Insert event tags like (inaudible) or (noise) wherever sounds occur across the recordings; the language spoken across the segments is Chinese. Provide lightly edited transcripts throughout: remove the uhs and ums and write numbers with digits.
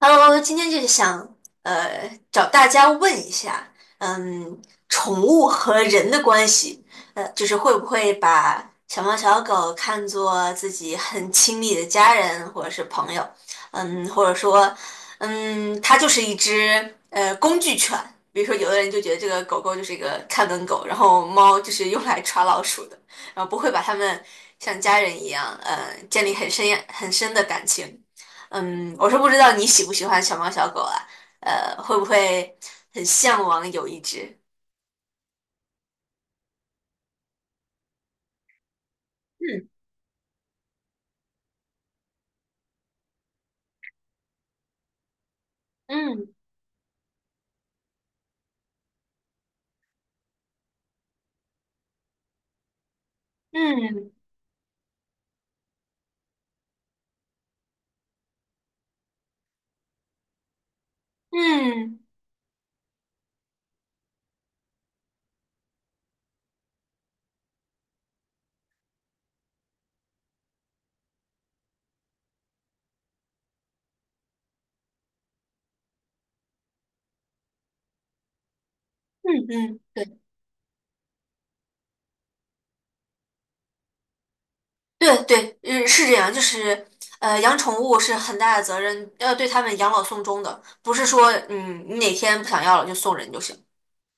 Hello，今天就是想找大家问一下，嗯，宠物和人的关系。就是会不会把小猫小狗看作自己很亲密的家人或者是朋友，或者说，它就是一只工具犬。比如说有的人就觉得这个狗狗就是一个看门狗，然后猫就是用来抓老鼠的，然后不会把它们像家人一样，建立很深很深的感情。我是不知道你喜不喜欢小猫小狗啊，会不会很向往有一只？嗯嗯嗯嗯嗯。嗯，对对对。嗯，是这样。就是养宠物是很大的责任，要对它们养老送终的，不是说你哪天不想要了就送人就行，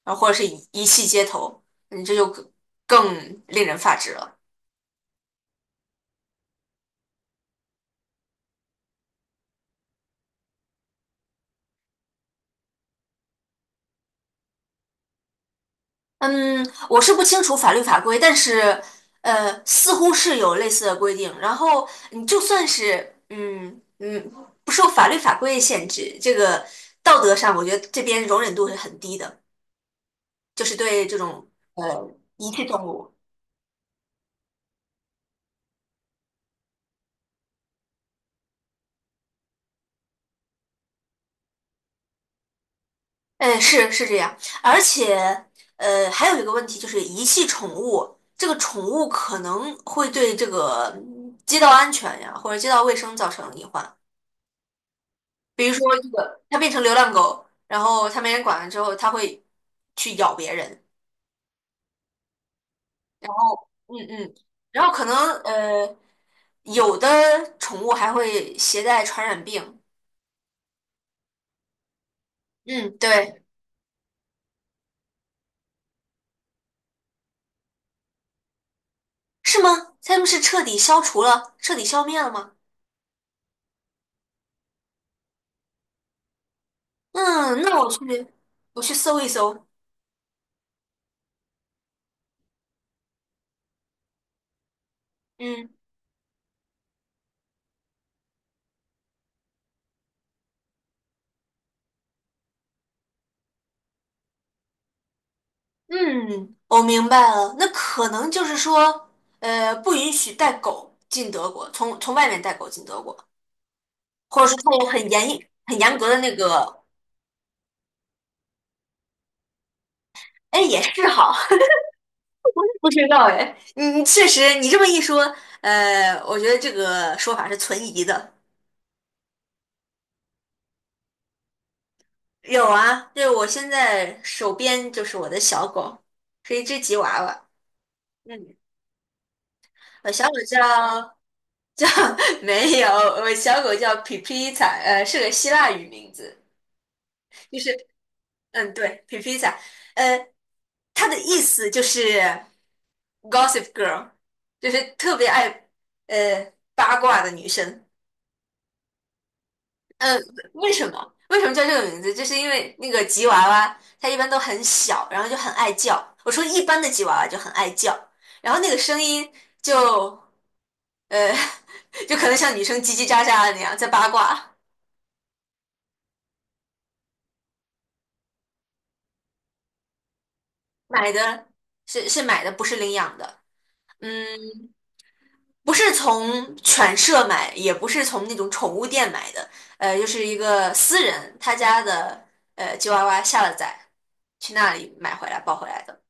然后或者是遗弃街头，你这就更令人发指了。嗯，我是不清楚法律法规，但是似乎是有类似的规定。然后你就算是不受法律法规限制，这个道德上，我觉得这边容忍度是很低的，就是对这种呃遗弃动物。哎，是是这样。而且还有一个问题就是遗弃宠物，这个宠物可能会对这个街道安全呀或者街道卫生造成隐患。比如说这个，它变成流浪狗，然后它没人管了之后，它会去咬别人。嗯嗯。然后可能呃，有的宠物还会携带传染病。嗯，对。是吗？它们是彻底消除了，彻底消灭了吗？嗯，那我去，我去搜一搜。嗯嗯，我明白了。那可能就是说，不允许带狗进德国，从外面带狗进德国，或者是它有很严格的那个。哎，也是好。(laughs) 不知道哎，你确实，你这么一说，我觉得这个说法是存疑的。有啊，就是我现在手边就是我的小狗，是一只吉娃娃。嗯，我小狗叫 (laughs) 没有，我小狗叫皮皮塔，是个希腊语名字。就是嗯，对，皮皮塔。呃，它的意思就是 Gossip Girl，就是特别爱八卦的女生。呃，为什么？为什么叫这个名字？就是因为那个吉娃娃，它一般都很小，然后就很爱叫。我说一般的吉娃娃就很爱叫，然后那个声音就呃，(laughs) 就可能像女生叽叽喳喳的那样在八卦。买的，是买的，不是领养的。嗯，不是从犬舍买，也不是从那种宠物店买的。就是一个私人他家的吉娃娃下了崽，去那里买回来抱回来的。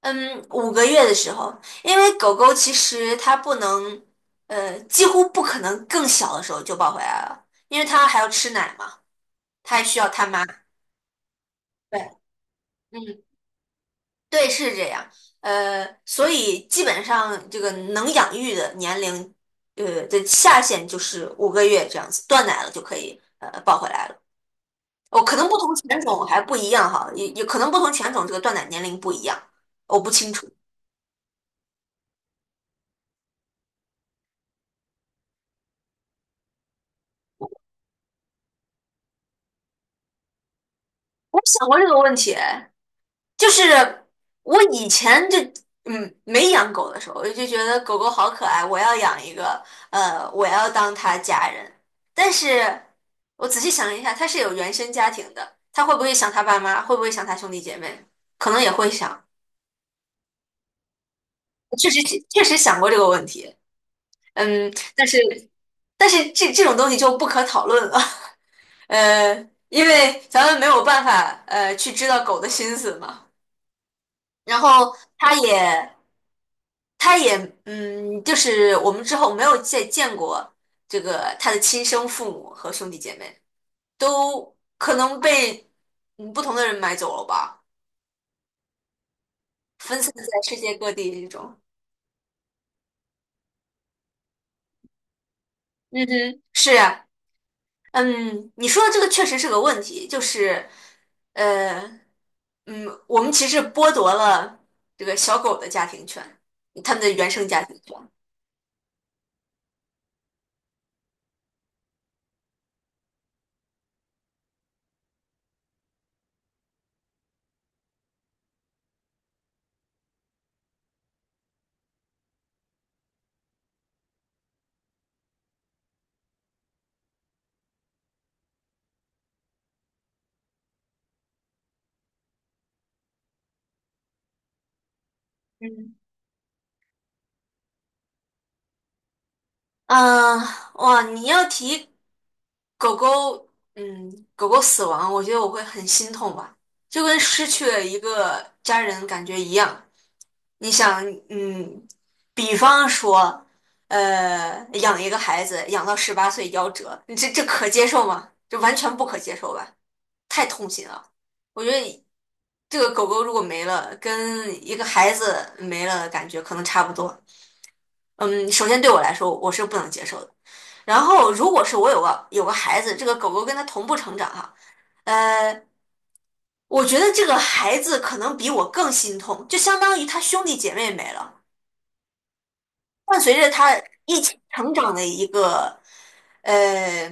嗯，五个月的时候，因为狗狗其实它不能，几乎不可能更小的时候就抱回来了，因为它还要吃奶嘛，它还需要它妈。对，嗯，对，是这样。所以基本上这个能养育的年龄，的下限就是五个月这样子，断奶了就可以抱回来了。哦，可能不同犬种还不一样哈，也可能不同犬种这个断奶年龄不一样，我不清楚。我想过这个问题。哎，就是我以前就没养狗的时候，我就觉得狗狗好可爱，我要养一个。我要当它家人。但是我仔细想了一下，它是有原生家庭的，它会不会想它爸妈？会不会想它兄弟姐妹？可能也会想。确实想过这个问题。嗯，但是这种东西就不可讨论了。(laughs) 呃，因为咱们没有办法去知道狗的心思嘛。然后它也。他也就是我们之后没有再见过这个他的亲生父母和兄弟姐妹，都可能被不同的人买走了吧，分散在世界各地这种。嗯哼，是呀。嗯，你说的这个确实是个问题，就是呃我们其实剥夺了这个小狗的家庭权，他们的原生家庭权。嗯。嗯，哇，你要提狗狗。狗狗死亡，我觉得我会很心痛吧，就跟失去了一个家人感觉一样。你想，嗯，比方说，养一个孩子养到18岁夭折，你这可接受吗？这完全不可接受吧，太痛心了。我觉得这个狗狗如果没了，跟一个孩子没了感觉可能差不多。嗯，首先对我来说，我是不能接受的。然后，如果是我有个孩子，这个狗狗跟他同步成长哈，呃，我觉得这个孩子可能比我更心痛，就相当于他兄弟姐妹没了，伴随着他一起成长的呃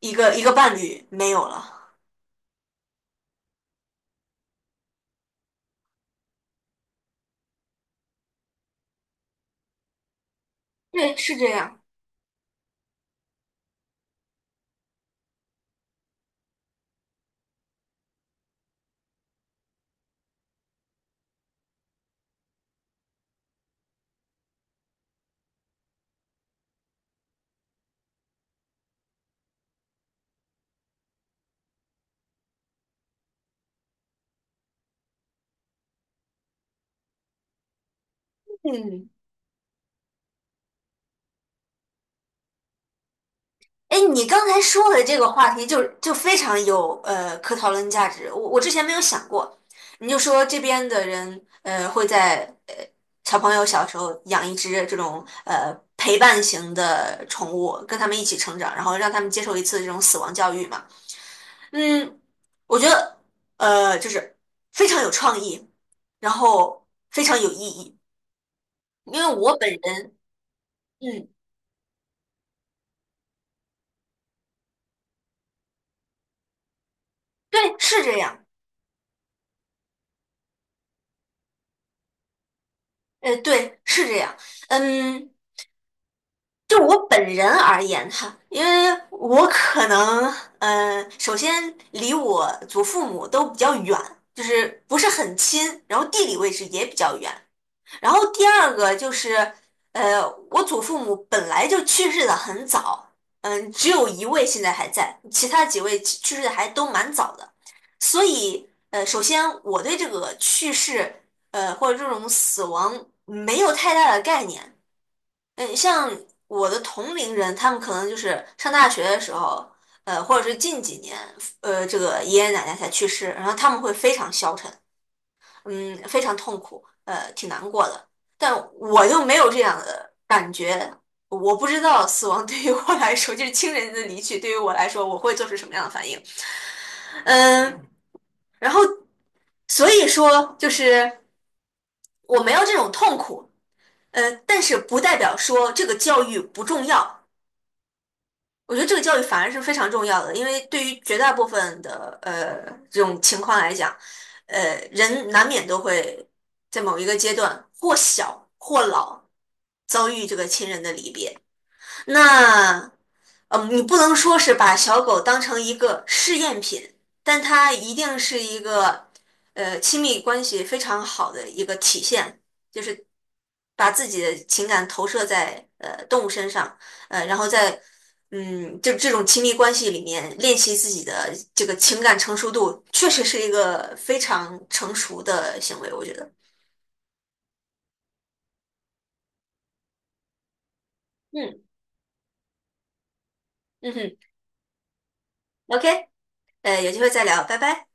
一个伴侣没有了。对，是这样。嗯。哎，你刚才说的这个话题就非常有可讨论价值，我之前没有想过。你就说这边的人会在小朋友小时候养一只这种陪伴型的宠物，跟他们一起成长，然后让他们接受一次这种死亡教育嘛。嗯，我觉得就是非常有创意，然后非常有意义，因为我本人。嗯，对，是这样。对，是这样。嗯。就我本人而言哈，因为我可能，首先离我祖父母都比较远，就是不是很亲，然后地理位置也比较远。然后第二个就是，呃，我祖父母本来就去世的很早，只有一位现在还在，其他几位去世的还都蛮早的。所以，首先我对这个去世，或者这种死亡没有太大的概念。像我的同龄人，他们可能就是上大学的时候，或者是近几年，这个爷爷奶奶才去世，然后他们会非常消沉，非常痛苦，挺难过的。但我就没有这样的感觉，我不知道死亡 (laughs) 对于我来说，就是亲人的离去对于我来说，我会做出什么样的反应。嗯，然后所以说就是我没有这种痛苦。但是不代表说这个教育不重要。我觉得这个教育反而是非常重要的，因为对于绝大部分的这种情况来讲，人难免都会在某一个阶段或小或老遭遇这个亲人的离别。那，你不能说是把小狗当成一个试验品，但它一定是一个，亲密关系非常好的一个体现，就是把自己的情感投射在动物身上，然后在就这种亲密关系里面练习自己的这个情感成熟度，确实是一个非常成熟的行为，我觉得。嗯嗯哼，OK，有机会再聊，拜拜。